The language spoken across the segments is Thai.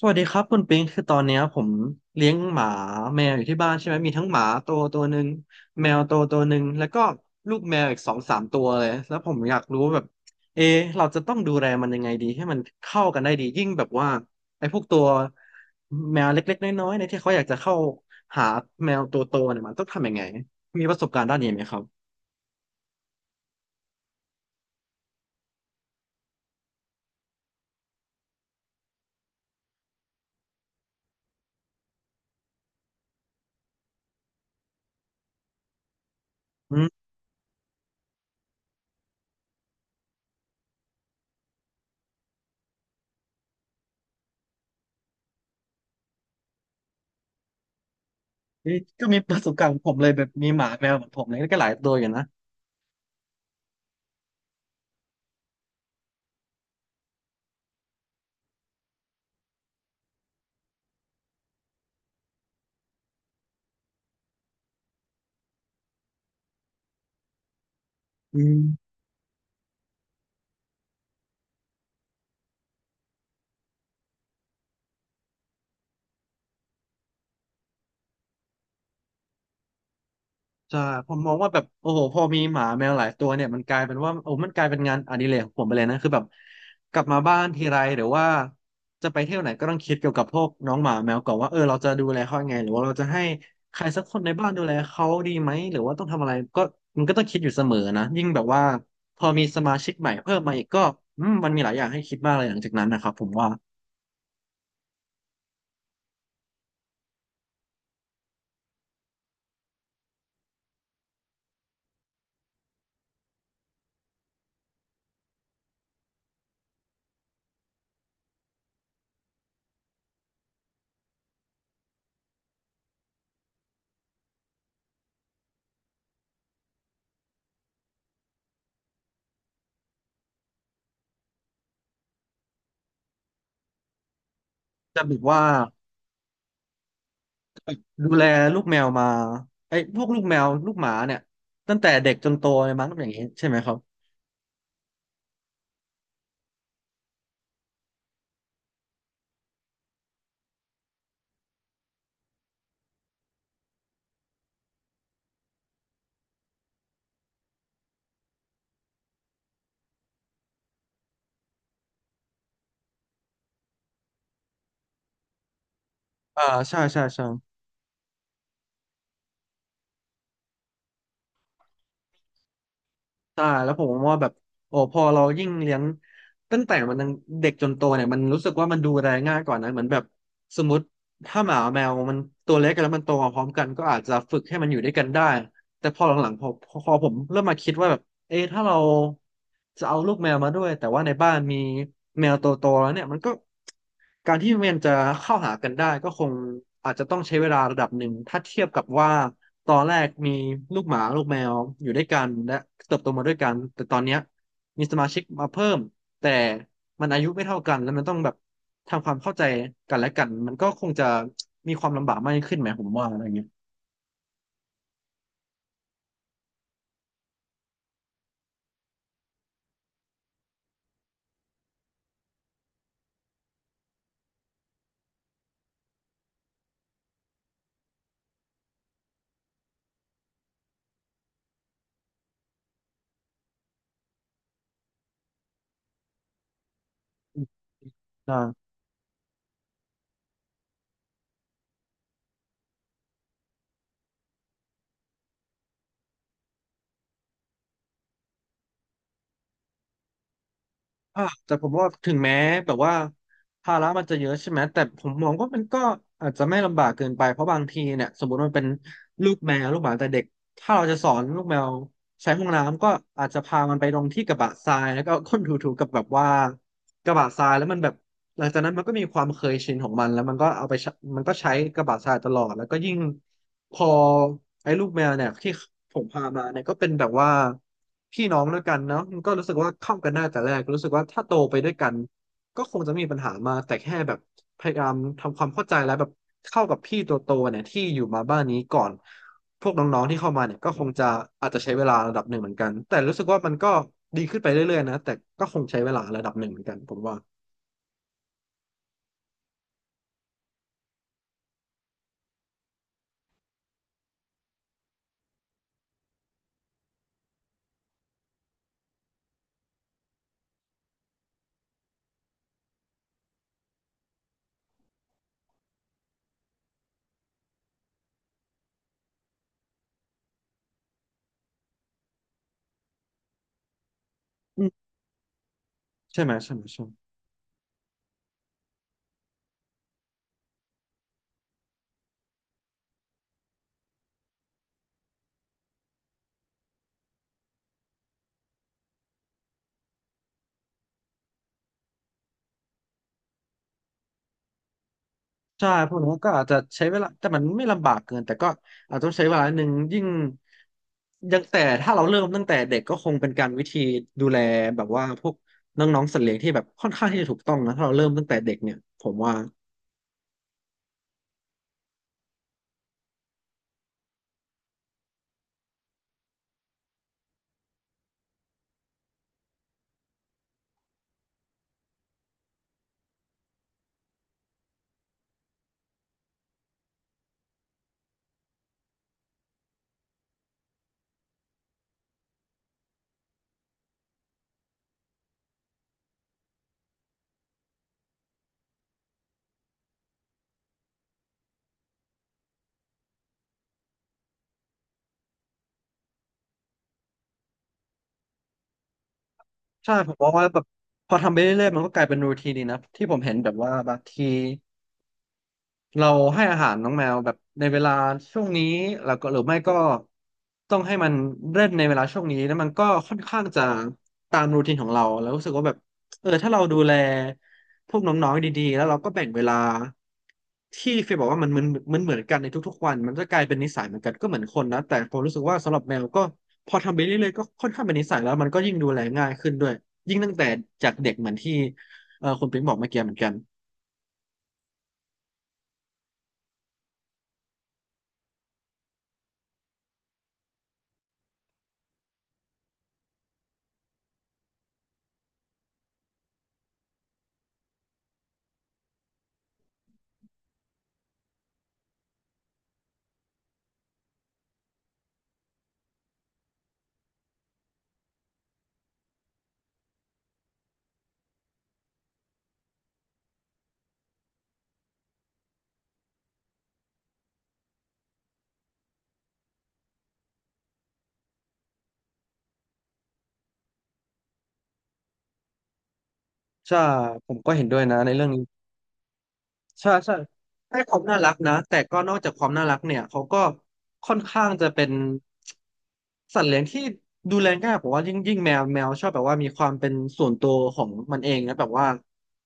สวัสดีครับคุณปิงคือตอนเนี้ยผมเลี้ยงหมาแมวอยู่ที่บ้านใช่ไหมมีทั้งหมาตัวหนึ่งแมวตัวหนึ่งแล้วก็ลูกแมวอีกสองสามตัวเลยแล้วผมอยากรู้ว่าแบบเอะเราจะต้องดูแลมันยังไงดีให้มันเข้ากันได้ดียิ่งแบบว่าไอ้พวกตัวแมวเล็กๆน้อยๆในยที่เขาอยากจะเข้าหาแมวตัวโตเนี่ยมันต้องทำยังไงมีประสบการณ์ด้านนี้ไหมครับอืมเอ๊ะก็มีประสบการณ์ของผมเลยแบบมีหมาแมวเหมือนผมเลยก็หลายตัวอยู่นะอืม ใช่ผมมองว่าแบบโอ้โหพอมีหมาแมวหลายตัวเนี่ยมันกลายเป็นว่าโอ้มันกลายเป็นงานอดิเรกของผมไปเลยนะคือแบบกลับมาบ้านทีไรหรือว่าจะไปเที่ยวไหนก็ต้องคิดเกี่ยวกับพวกน้องหมาแมวก่อนว่าเออเราจะดูแลเขายังไงหรือว่าเราจะให้ใครสักคนในบ้านดูแลเขาดีไหมหรือว่าต้องทำอะไรก็มันก็ต้องคิดอยู่เสมอนะยิ่งแบบว่าพอมีสมาชิกใหม่เพิ่มมาอีกก็อืมมันมีหลายอย่างให้คิดมากเลยหลังจากนั้นนะครับผมว่าจะแบบว่า ดูแลลูกแมวมาไอ้พวกลูกแมวลูกหมาเนี่ยตั้งแต่เด็กจนโตเลยมั้งอย่างนี้ใช่ไหมครับอ่าใช่ใช่ใช่ใช่แล้วผมว่าแบบโอ้พอเรายิ่งเลี้ยงตั้งแต่มันยังเด็กจนโตเนี่ยมันรู้สึกว่ามันดูแลง่ายกว่านะเหมือนแบบสมมติถ้าหมาแมวมันตัวเล็กกันแล้วมันโตมาพร้อมกันก็อาจจะฝึกให้มันอยู่ด้วยกันได้แต่พอหลังๆพอผมเริ่มมาคิดว่าแบบ เอะถ้าเราจะเอาลูกแมวมาด้วยแต่ว่าในบ้านมีแมวตัวโตแล้วเนี่ยมันก็การที่มันจะเข้าหากันได้ก็คงอาจจะต้องใช้เวลาระดับหนึ่งถ้าเทียบกับว่าตอนแรกมีลูกหมาลูกแมวอยู่ด้วยกันและเติบโตมาด้วยกันแต่ตอนเนี้ยมีสมาชิกมาเพิ่มแต่มันอายุไม่เท่ากันแล้วมันต้องแบบทำความเข้าใจกันและกันมันก็คงจะมีความลำบากมากขึ้นไหมผมว่าอะไรเงี้ยอืมใช่ อ่ะแต่ผมว่าถึงแม้แบบว่าภาระมันจะเยอะใช่ไหมแต่ผมมองว่ามันก็อาจจะไม่ลำบากเกินไปเพราะบางทีเนี่ยสมมติมันเป็นลูกแมวลูกหมาแต่เด็กถ้าเราจะสอนลูกแมวใช้ห้องน้ำก็อาจจะพามันไปลงที่กระบะทรายแล้วก็เอาก้นถูๆกับแบบว่ากระบะทรายแล้วมันแบบ หลังจากนั้นมันก็มีความเคยชินของมันแล้วมันก็เอาไปใช้มันก็ใช้กระบะทรายตลอดแล้วก็ยิ่งพอไอ้ลูกแมวเนี่ยที่ผมพามาเนี่ยก็เป็นแบบว่าพี่น้องด้วยกันเนาะมันก็รู้สึกว่าเข้ากันได้แต่แรกรู้สึกว่าถ้าโตไปด้วยกันก็คงจะไมมีปัญหามากแต่แค่แบบพยายามทำความเข้าใจแล้วแบบเข้ากับพี่ตัวโตเนี่ยที่อยู่มาบ้านนี้ก่อนพวกน้องๆที่เข้ามาเนี่ยก็คงจะอาจจะใช้เวลาระดับหนึ่งเหมือนกันแต่รู้สึกว่ามันก็ดีขึ้นไปเรื่อยๆนะแต่ก็คงใช้เวลาระดับหนึ่งเหมือนกันผมว่า ใช่ไหมใช่ไหมใช่ใช่พวกนี้ก็อาจจะใช้เวลาแต่มันไม่ลำบากเกินแต่ก็อาจต้องใช้เวลาหนึ่งยิ่งยังแต่ถ้าเราเริ่มตั้งแต่เด็กก็คงเป็นการวิธีดูแลแบบว่าพวกน้องๆสัตว์เลี้ยงที่แบบค่อนข้างที่จะถูกต้องนะถ้าเราเริ่มตั้งแต่เด็กเนี่ยผมว่าใช่ผมมองว่าแบบพอทำไปเรื่อยๆมันก็กลายเป็นรูทีนดีนะที่ผมเห็นแบบว่าบางที เราให้อาหารน้องแมวแบบในเวลาช่วงนี้แล้วก็หรือไม่ก็ต้องให้มันเล่นในเวลาช่วงนี้แล้วมันก็ค่อนข้างจะตามรูทีนของเราแล้วรู้สึกว่าแบบเออถ้าเราดูแลพวกน้องๆดีๆแล้วเราก็แบ่งเวลาที่เฟยบอกว่ามันมันเหมือนกันในทุกๆวันมันจะกลายเป็นนิสัยเหมือนกันก็เหมือนคนนะแต่ผมรู้สึกว่าสำหรับแมวก็พอทำไปเรื่อยๆก็ค่อนข้างเป็นนิสัยแล้วมันก็ยิ่งดูแลง่ายขึ้นด้วยยิ่งตั้งแต่จากเด็กเหมือนที่เออคุณปิ๊งบอกเมื่อกี้เหมือนกันใช่ผมก็เห็นด้วยนะในเรื่องนี้ ใช่ใช่ให้ความน่ารักนะแต่ก็นอกจากความน่ารักเนี่ยเขาก็ค่อนข้างจะเป็นสัตว์เลี้ยงที่ดูแลง่ายผมว่ายิ่งแมวชอบแบบว่ามีความเป็นส่วนตัวของมันเองนะแบบว่า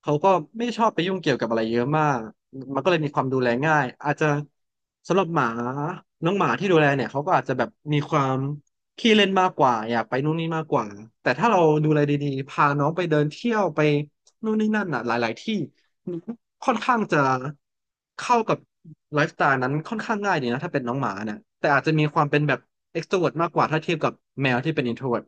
เขาก็ไม่ชอบไปยุ่งเกี่ยวกับอะไรเยอะมากมันก็เลยมีความดูแลง่ายอาจจะสำหรับหมาน้องหมาที่ดูแลเนี่ยเขาก็อาจจะแบบมีความขี้เล่นมากกว่าอยากไปนู่นนี่มากกว่าแต่ถ้าเราดูแลดีๆพาน้องไปเดินเที่ยวไปนู่นนี่นั่นอ่ะหลายๆที่ ค่อนข้างจะเข้ากับไลฟ์สไตล์นั้นค่อนข้างง่ายดีนะถ้าเป็นน้องหมาเนี่ยแต่อาจจะมีความเป็นแบบ extrovert มากกว่าถ้าเทียบกับแมวที่เป็น introvert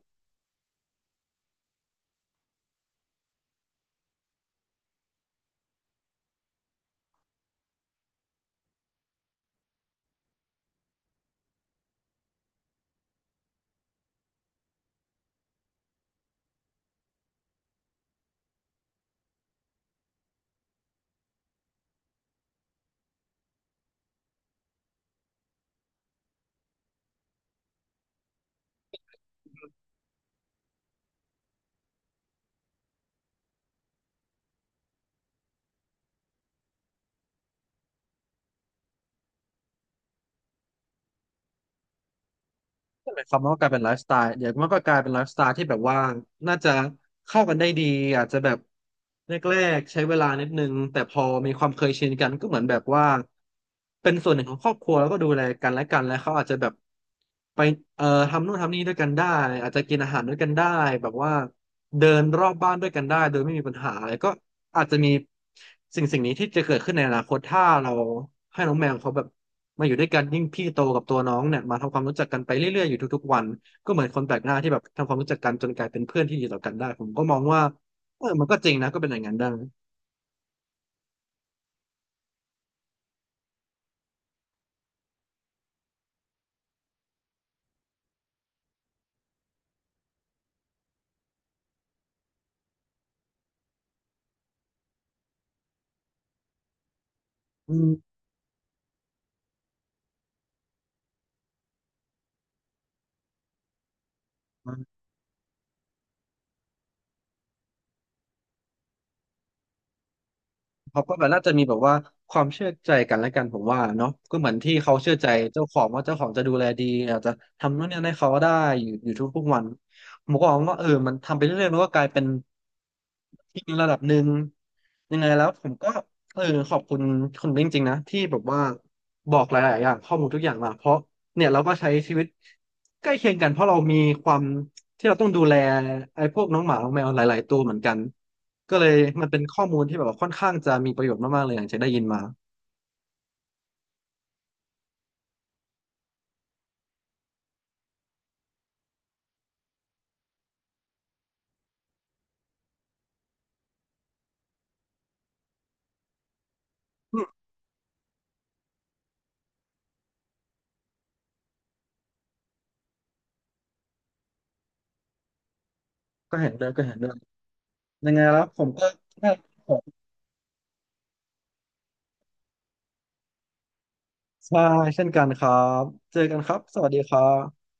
นั่นหมายความว่าการเป็นไลฟ์สไตล์เดี๋ยวมันก็กลายเป็นไลฟ์สไตล์ที่แบบว่าน่าจะเข้ากันได้ดีอาจจะแบบแรกๆใช้เวลานิดนึงแต่พอมีความเคยชินกันก็เหมือนแบบว่าเป็นส่วนหนึ่งของครอบครัวแล้วก็ดูแลกันและกันแล้วเขาอาจจะแบบไปเอ่อทำนู่นทำนี่ด้วยกันได้อาจจะกินอาหารด้วยกันได้แบบว่าเดินรอบบ้านด้วยกันได้โดยไม่มีปัญหาอะไรก็อาจจะมี สิ่งนี้ที่จะเกิดขึ้นในอนาคตถ้าเราให้น้องแมวเขาแบบมาอยู่ด้วยกันยิ่งพี่โตกับตัวน้องเนี่ยมาทำความรู้จักกันไปเรื่อยๆอยู่ทุกๆวันก็เหมือนคนแปลกหน้าที่แบบทำความรู้จักกันจนกลายเป็นเพื่อนที่ดีต่อกันได้ผมก็มองว่าเออมันก็จริงนะก็เป็นอย่างนั้นได้อืม เขาก็แบบน่าจะมีแบบว่าความเชื่อใจกันและกันผมว่าเนาะก็เหมือนที่เขาเชื่อใจเจ้าของว่าเจ้าของจะดูแลดีอาจจะทำนู่นนี่ให้เขาได้อยู่ทุกๆวันผมก็มองว่าเออมันทำไปเรื่อยๆมันก็กลายเป็นที่ระดับหนึ่งยังไงแล้วผมก็เออขอบคุณคุณจริงๆนะที่แบบว่าบอกหลายๆอย่างข้อมูลทุกอย่างมาเพราะเนี่ยเราก็ใช้ชีวิตใกล้เคียงกันเพราะเรามีความที่เราต้องดูแลไอ้พวกน้องหมาน้องแมวหลายๆตัวเหมือนกัน ก็เลยมันเป็นข้อมูลที่แบบว่าค่อนข้างจะมีประโยชน์มากๆเลยอย่างที่ได้ยินมาก็เห็นด้วยก็เห็นด้วยยังไงแล้วผมก็ได้ของใช่เช่นกันครับเจอกันครับสวัสดีครับ